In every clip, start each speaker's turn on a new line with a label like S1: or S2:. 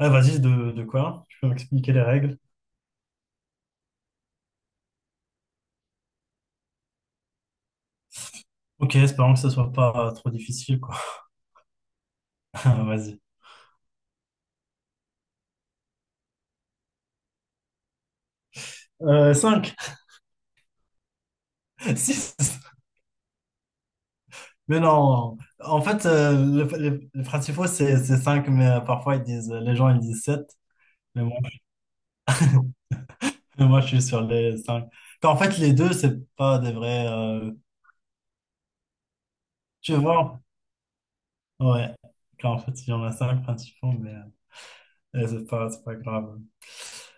S1: Ouais, vas-y, de quoi? Tu peux m'expliquer les règles? Ok, espérons que ce soit pas trop difficile, quoi. Vas-y. 5, 6. Mais non. En fait, les principaux, c'est 5 mais parfois, ils disent, les gens, ils disent sept. Mais bon, moi, je suis sur les 5. En fait, les deux, c'est pas des vrais. Tu vois? Ouais. Car en fait, il y en a 5 principaux, mais c'est pas grave.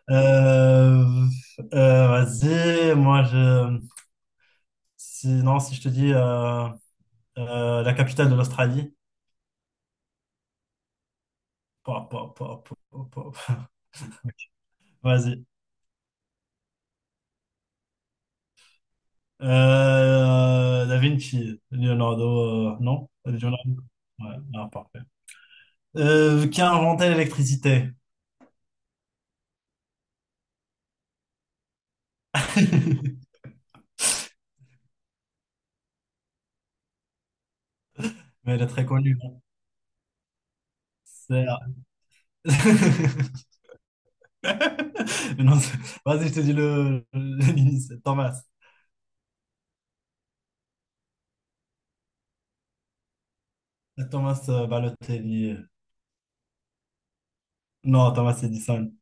S1: Euh, vas-y, moi, je. Sinon, si je te dis. La capitale de l'Australie. Pa, pa, pa, pa, pa, pa. Vas-y. Da Vinci, Leonardo, non? Leonardo. Ouais, non, parfait. Qui a inventé l'électricité? Mais elle est très connue, hein. C'est- Non, c'est- Vas-y, je te dis le, l'initiale. Thomas. Thomas Balotelli. Non, Thomas Edison.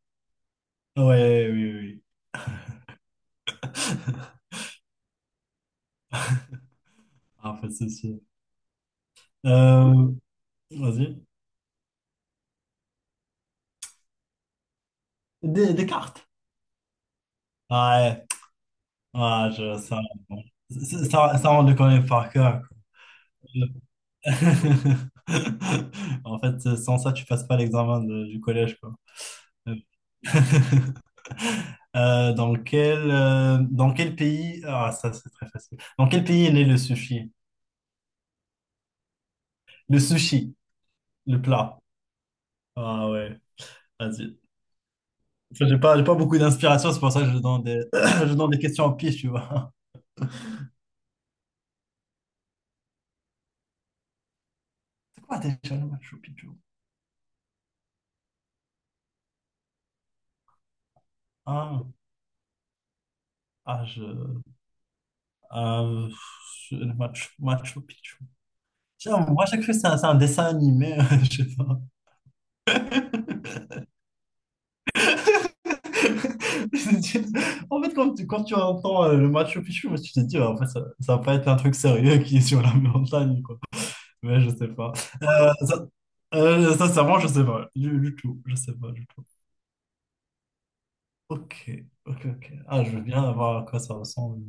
S1: Ouais, oui, oui. Ah, en fait c'est sûr. Euh, Vas-y. Descartes. Ouais, ouais, je, ça, ça- ça, on le connaît par cœur, quoi. En fait, sans ça, tu passes pas l'examen du collège, quoi. Ah, ça, c'est très facile. Dans quel pays est né le sushi? Le sushi, le plat. Ah ouais, vas-y. Enfin, j'ai pas, beaucoup d'inspiration, c'est pour ça que je donne des questions en pif, tu vois. C'est quoi déjà le Machu Picchu? Ah, ah, euh, le Machu Picchu. Genre, moi, à chaque fois, c'est un dessin animé. Je sais pas. Je me dis, en fait, quand tu, entends le Machu Picchu, moi, tu te dis, ouais, en fait, ça va pas être un truc sérieux qui est sur la montagne, quoi. Mais je sais pas. Ça, sincèrement, je sais pas. Du tout. Je sais pas du tout. Ok, ok, ok. Ah, je veux bien voir à quoi ça ressemble.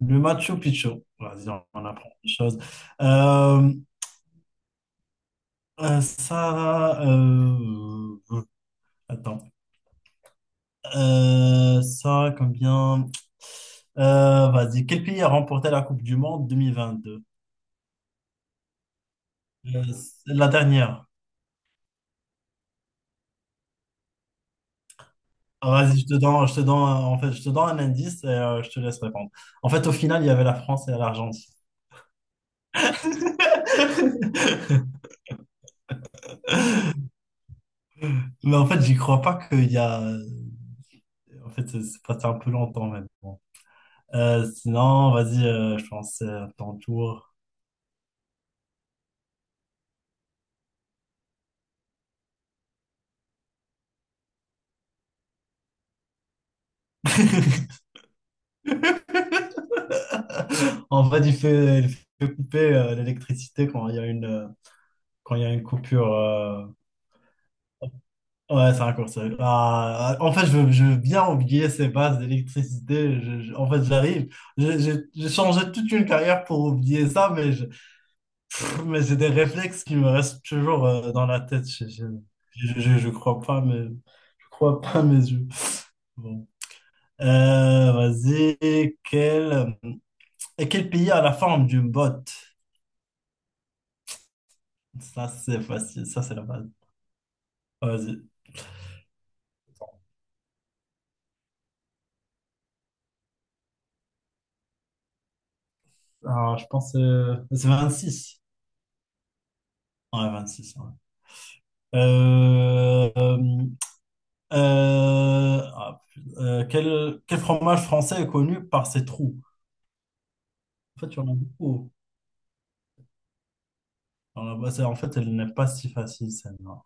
S1: Le Machu Picchu. Vas-y, on apprend des choses. Euh, ça. Attends. Ça, combien? Vas-y, quel pays a remporté la Coupe du Monde 2022? C'est la dernière. Ah, vas-y, en fait, je te donne un indice et je te laisse répondre. En fait, au final, il y avait la France et l'Argentine. Mais en fait, j'y crois pas qu'il y a. En fait, c'est passé un peu longtemps même. Bon. Sinon, vas-y, je pense ton tour. En fait, il fait couper l'électricité quand il y a une. Quand il y a une coupure. Ouais, c'est raccourci. Ah, en fait, je veux bien oublier ces bases d'électricité. En fait, j'arrive. J'ai changé toute une carrière pour oublier ça, mais j'ai des réflexes qui me restent toujours dans la tête. Je crois pas, mais je crois pas à mes yeux. Bon. Vas-y. Quel pays a la forme d'une botte? Ça, c'est facile. Ça, c'est la base. Vas-y. Alors, je pense que c'est six. Ouais, 26. Euh, euh, ah, quel fromage français est connu par ses trous? En fait, il y en a beaucoup. Alors là-bas, en fait, elle n'est pas si facile, celle-là.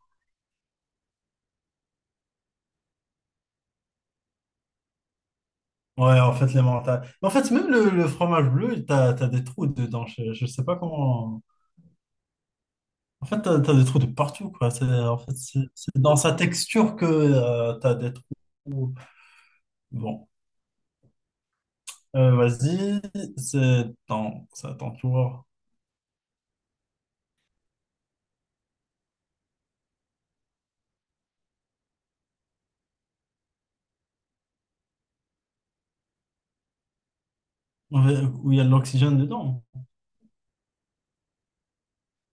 S1: Ouais, en fait, les mentales. Mais en fait, même le fromage bleu, t'as des trous dedans. Je sais pas comment. En fait, t'as des trous de partout, quoi. En fait, c'est dans sa texture que t'as des trous. Bon. Vas-y. C'est dans. Attends, tu vois. Où il y a de l'oxygène dedans.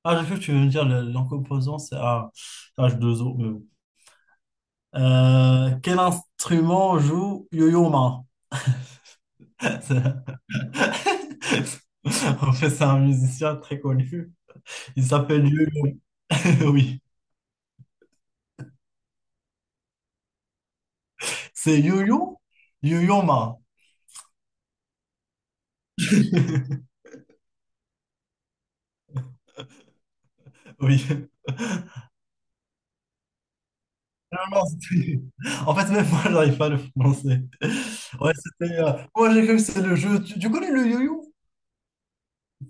S1: Ah, j'ai cru que tu veux me dire en composant, c'est H2O mais bon. Quel instrument joue Yo-Yo Ma? C'est- En fait, c'est un musicien très connu. Il s'appelle Yo-Yo. Oui. C'est Yo-Yo? Yo-Yo Ma. Oui. Non, non, en fait, même moi, j'arrive pas à le prononcer. Ouais, c'était. Moi, j'ai cru que c'est le jeu. Tu connais le yo-yo?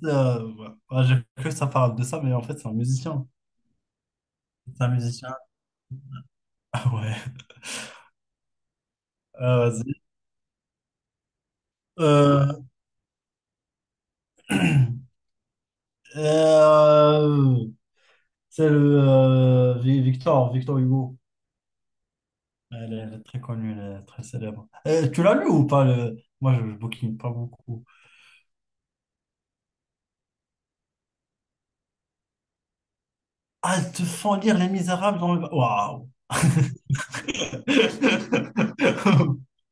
S1: Ouais. Ouais, j'ai cru que ça parle de ça, mais en fait, c'est un musicien. C'est un musicien. Ouais. Ah, vas-y. Euh, euh, c'est le Victor Hugo. Elle est très connue, elle est très célèbre. Tu l'as lu ou pas, moi, je bouquine pas beaucoup. Ah, elles te font lire Les Misérables dans Waouh!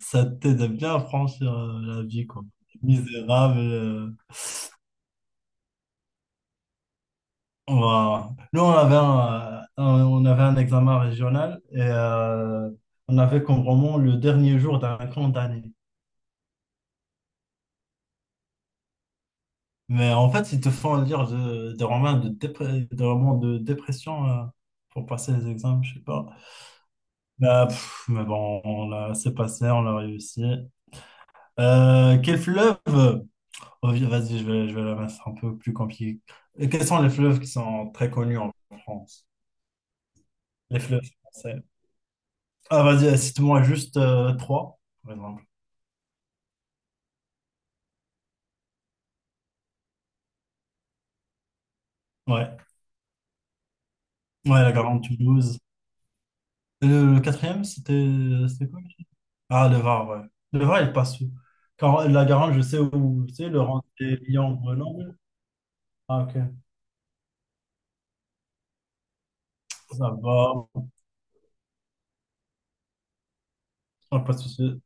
S1: Ça t'aide à bien à franchir la vie, quoi. Misérable. Nous, on avait on avait un examen régional et on avait comme roman le dernier jour d'un camp d'année. Mais en fait, ils te font lire des romans des romans de dépression pour passer les examens, je sais pas. Bah, pff, mais bon, c'est passé, on l'a réussi. Quel fleuve? Oh, vas-y, je vais la mettre un peu plus compliquée. Et quels sont les fleuves qui sont très connus en France? Les fleuves français. Ah, vas-y, cite-moi juste trois. Ouais, ouais, la Garante Toulouse. Et le quatrième, c'était quoi? Ah, le VAR, ouais. Le VAR, il passe où? La Garante, je sais où c'est, le rendez Lyon, Grenoble. Ah, ok. Ça va. Ah, pas de souci.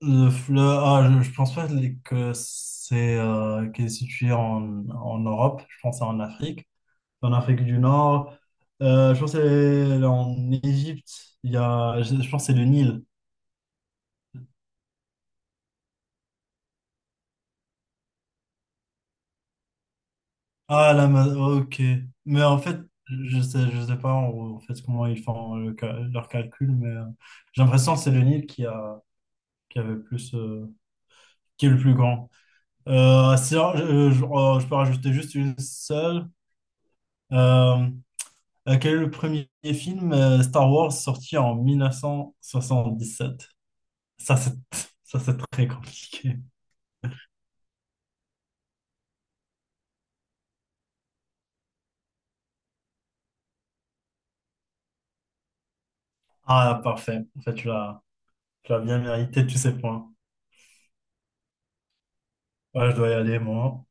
S1: Le fleur, je pense pas que c'est qu'il est situé en Europe. Je pense que c'est en Afrique du Nord. Je pense que c'est en Égypte. Il y a, je pense que c'est le Nil. Ah, ok. Mais en fait, je sais pas en fait comment ils font leur calcul, mais j'ai l'impression que c'est le Nil qui a, qui avait le plus, qui est le plus grand. Si, je peux rajouter juste une seule. Euh, Quel est le premier film Star Wars sorti en 1977. Ça, c'est, ça, c'est très compliqué. Ah, parfait. En fait, tu l'as bien mérité, tous ces points. Ouais, je dois y aller, moi.